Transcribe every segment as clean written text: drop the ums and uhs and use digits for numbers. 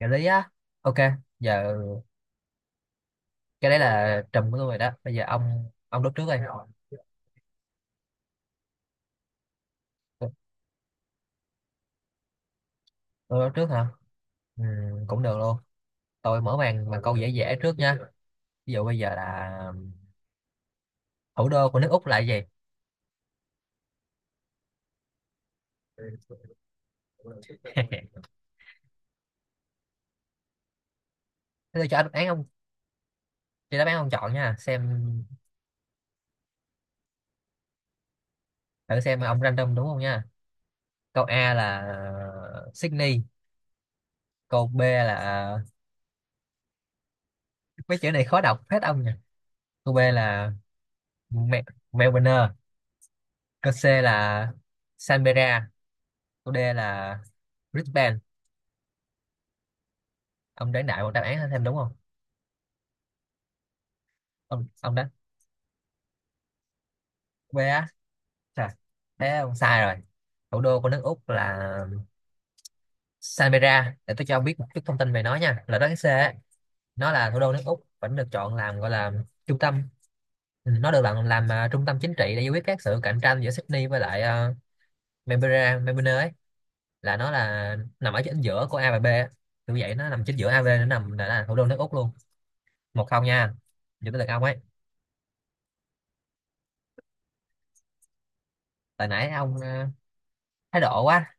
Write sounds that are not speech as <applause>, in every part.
Trợ lý á. Ok, giờ cái đấy là trùm của tôi rồi đó. Bây giờ ông đốt trước đây. Tôi tôi đốt trước hả? Ừ, cũng được luôn. Tôi mở màn bằng câu dễ dễ trước nha. Ví dụ bây giờ là thủ đô của nước Úc là cái gì? <laughs> Thế tôi cho đáp án ông chọn nha, xem. Thử xem ông random đúng không nha. Câu A là Sydney. Câu B là, mấy chữ này khó đọc hết ông nha, câu B là Mel- Melbourne. Câu C là Canberra. Câu D là Brisbane. Ông đoán đại một đáp án thêm đúng không? Ông đoán. B á. Trời, thế ông sai rồi. Thủ đô của nước Úc là Canberra. Để tôi cho ông biết một chút thông tin về nó nha, là đó cái C á. Nó là thủ đô nước Úc, vẫn được chọn làm gọi là trung tâm. Ừ, nó được làm trung tâm chính trị để giải quyết các sự cạnh tranh giữa Sydney với lại uh, Canberra Melbourne ấy. Là nó nằm ở chính giữa của A và B á. Kiểu vậy, nó nằm chính giữa A và B, nó nằm là thủ đô nước Úc luôn. 1-0 nha. Giờ tới lượt ông ấy. Tại nãy ông à, thái độ quá.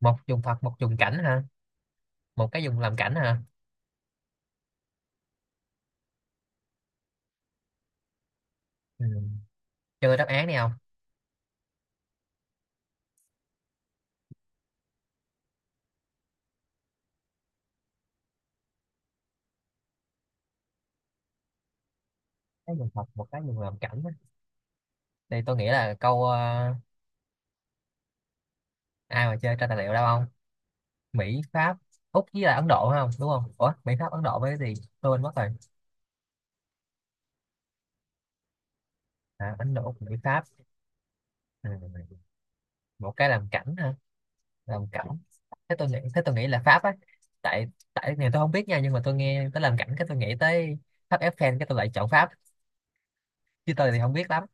Một dùng thật, một dùng cảnh ha? Một cái dùng làm cảnh ha? Ừ. Chơi đáp án đi không? Cái dùng thật, một cái dùng làm cảnh á. Thì tôi nghĩ là câu, ai mà chơi tra tài liệu đâu không. Mỹ, Pháp, Úc với là Ấn Độ phải không, đúng không? Ủa, Mỹ, Pháp, Ấn Độ với cái gì tôi quên mất rồi. À, Ấn Độ, Úc, Mỹ, Pháp. Ừ. Một cái làm cảnh ha? Làm cảnh. Thế tôi nghĩ là Pháp á. Tại tại này tôi không biết nha, nhưng mà tôi nghe tới làm cảnh cái tôi nghĩ tới tháp Eiffel, cái tôi lại chọn Pháp. Chứ tôi thì không biết lắm.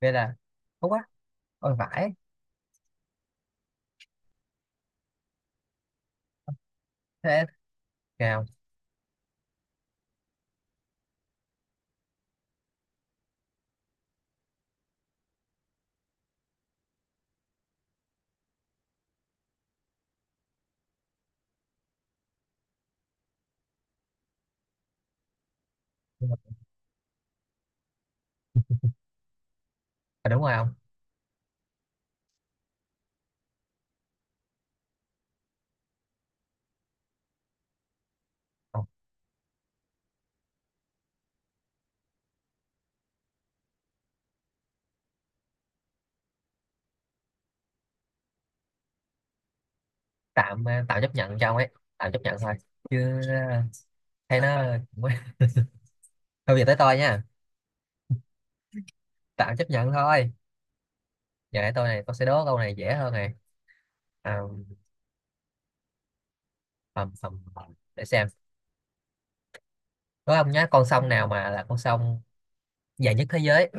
Vậy là. Úc á? Ôi vãi. Thế nào? Nhưng. À, đúng rồi ông. Ông tạm chấp nhận cho ông ấy. Tạm chấp nhận thôi. Chứ hay nó. <laughs> Thôi giờ tới tôi nha. Tạm chấp nhận thôi. Giờ để tôi này, tôi sẽ đố câu này dễ hơn này. À, ầm, ầm, ầm. Để xem. Đố ông nhá, con sông nào mà là con sông dài nhất thế giới?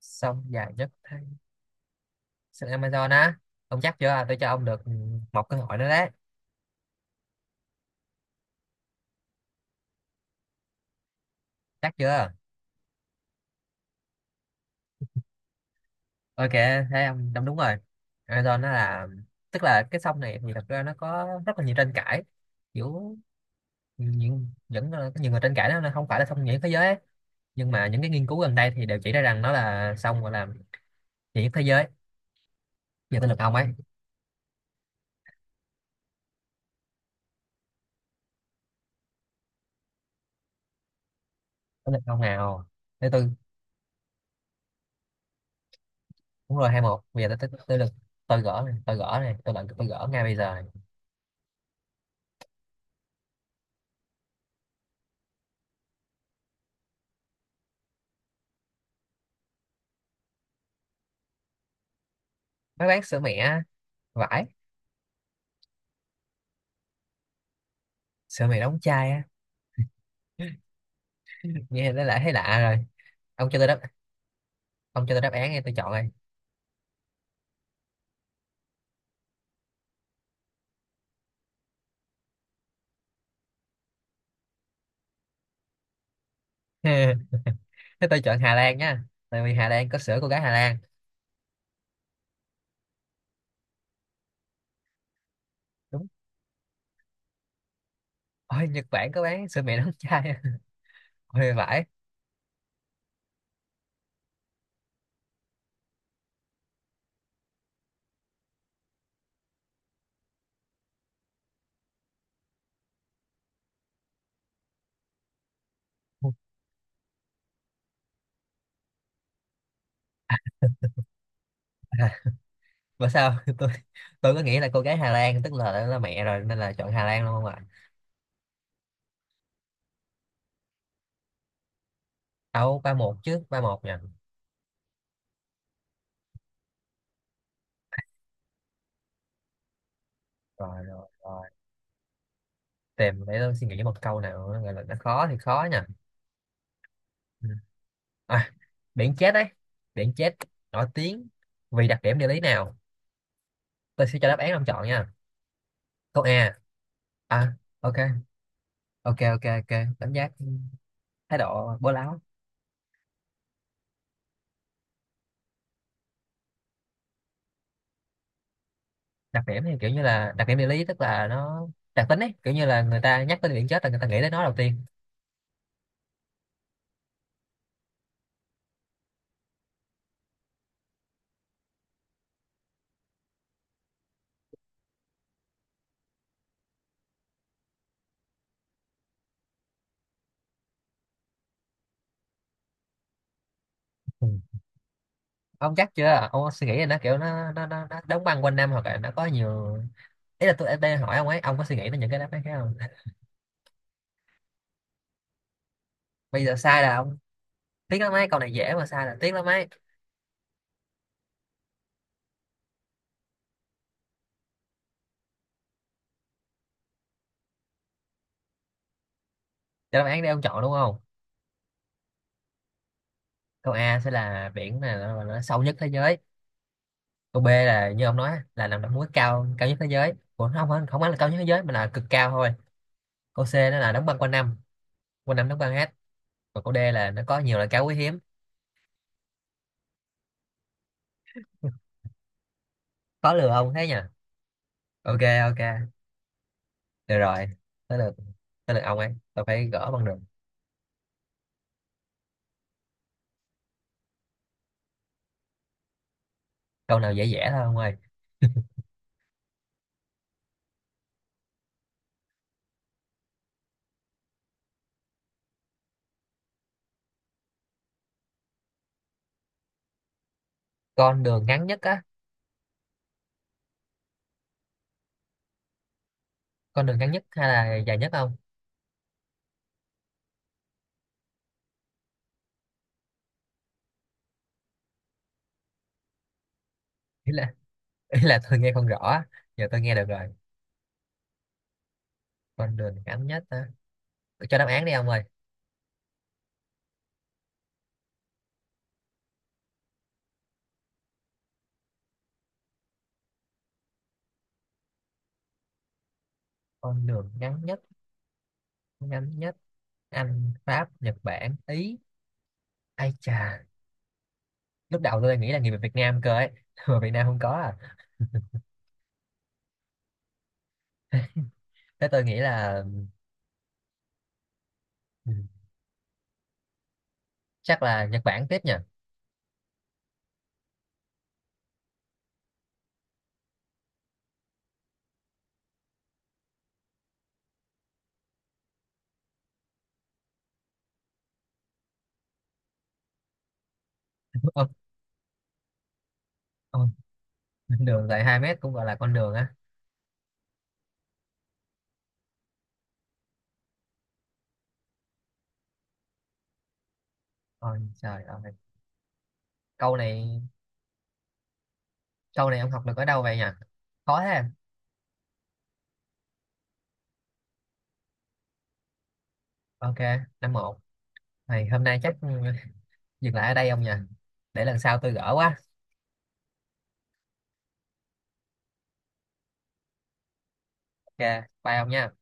Sông dài nhất thế. Sông Amazon á? Ông chắc chưa? Tôi cho ông được một cơ hội nữa đấy. Chắc chưa? Ok, thế ông đúng đúng rồi. Amazon nó là. Tức là cái sông này thì thật ra nó có rất là nhiều tranh cãi. Kiểu những có nhiều người tranh cãi đó, nó là không phải là song nhiệt thế giới ấy. Nhưng mà những cái nghiên cứu gần đây thì đều chỉ ra rằng nó là song gọi là nhiệt thế giới. Giờ tới lượt ông ấy. Tới lượt ông nào. Thứ tôi. Đúng rồi 2-1, bây giờ tới tới tới lượt. Tôi gỡ này, tôi gỡ này, tôi lận, tôi gỡ ngay bây giờ này. Mấy bán sữa mẹ, vải. Sữa mẹ đóng chai á? <laughs> Nghe nó lại thấy lạ rồi. ông cho tôi đáp ông cho tôi đáp án nghe, tôi chọn rồi. <laughs> Thế tôi chọn Hà Lan nha, tại vì Hà Lan có sữa cô gái Hà Lan. Đúng. Ôi Nhật Bản có bán sữa mẹ đóng chai? <laughs> Ôi vải. À, và sao <laughs> tôi có nghĩ là cô gái Hà Lan tức là mẹ rồi nên là chọn Hà Lan luôn không ạ? Đâu 3-1 chứ, 3-1 nha. Rồi, rồi, rồi. Tìm để tôi suy nghĩ một câu nào nó gọi là, nó khó thì khó nha. Ừ. À, biển chết đấy. Biển chết nổi tiếng vì đặc điểm địa lý nào? Tôi sẽ cho đáp án ông chọn nha. Câu A à. Ok, ok, ok, ok. Cảm giác. Thái độ bố láo. Đặc điểm thì kiểu như là đặc điểm địa lý tức là nó. Đặc tính ấy, kiểu như là người ta nhắc tới biển chết là người ta nghĩ tới nó đầu tiên. Ừ. Ông chắc chưa? Ông có suy nghĩ là nó kiểu nó đóng băng quanh năm, hoặc là nó có nhiều. Ý là tôi em đang hỏi ông ấy, ông có suy nghĩ đến những cái đáp án khác không? <laughs> Bây giờ sai là ông tiếc lắm ấy, câu này dễ mà sai là tiếc lắm ấy. Cho đáp án đi ông chọn đúng không? Câu A sẽ là biển này nó sâu nhất thế giới. Câu B là như ông nói là nằm đóng núi cao cao nhất thế giới. Ủa, không không không phải là cao nhất thế giới mà là cực cao thôi. Câu C nó là đóng băng quanh năm, quanh năm đóng băng hết. Còn câu D là nó có nhiều loại cá quý hiếm. Khó lừa ông thế nhỉ? Ok. Ok, được rồi. Tới lượt. Tới lượt ông ấy, tôi phải gỡ bằng được. Câu nào dễ dễ thôi ông ơi. Con đường ngắn nhất á? Con đường ngắn nhất hay là dài nhất không? Ý là ý là tôi nghe không rõ á. Giờ tôi nghe được rồi. Con đường ngắn nhất á? Tôi cho đáp án đi ông ơi. Con đường ngắn nhất, ngắn nhất. Anh, Pháp, Nhật Bản, Ý. Ai chà. Lúc đầu tôi nghĩ là người Việt Nam cơ ấy. <laughs> Mà Việt Nam không có à? Thế tôi nghĩ là, ừ, chắc là Nhật Bản tiếp nhỉ? <laughs> ông ông đường dài 2 mét cũng gọi là con đường á? Ôi trời ơi. Câu này, câu này ông học được ở đâu vậy nhỉ? Khó thế. Ok, 5-1. Này, hôm nay chắc dừng lại ở đây ông nhỉ? Để lần sau tôi gỡ quá. Ok, bye ông nha.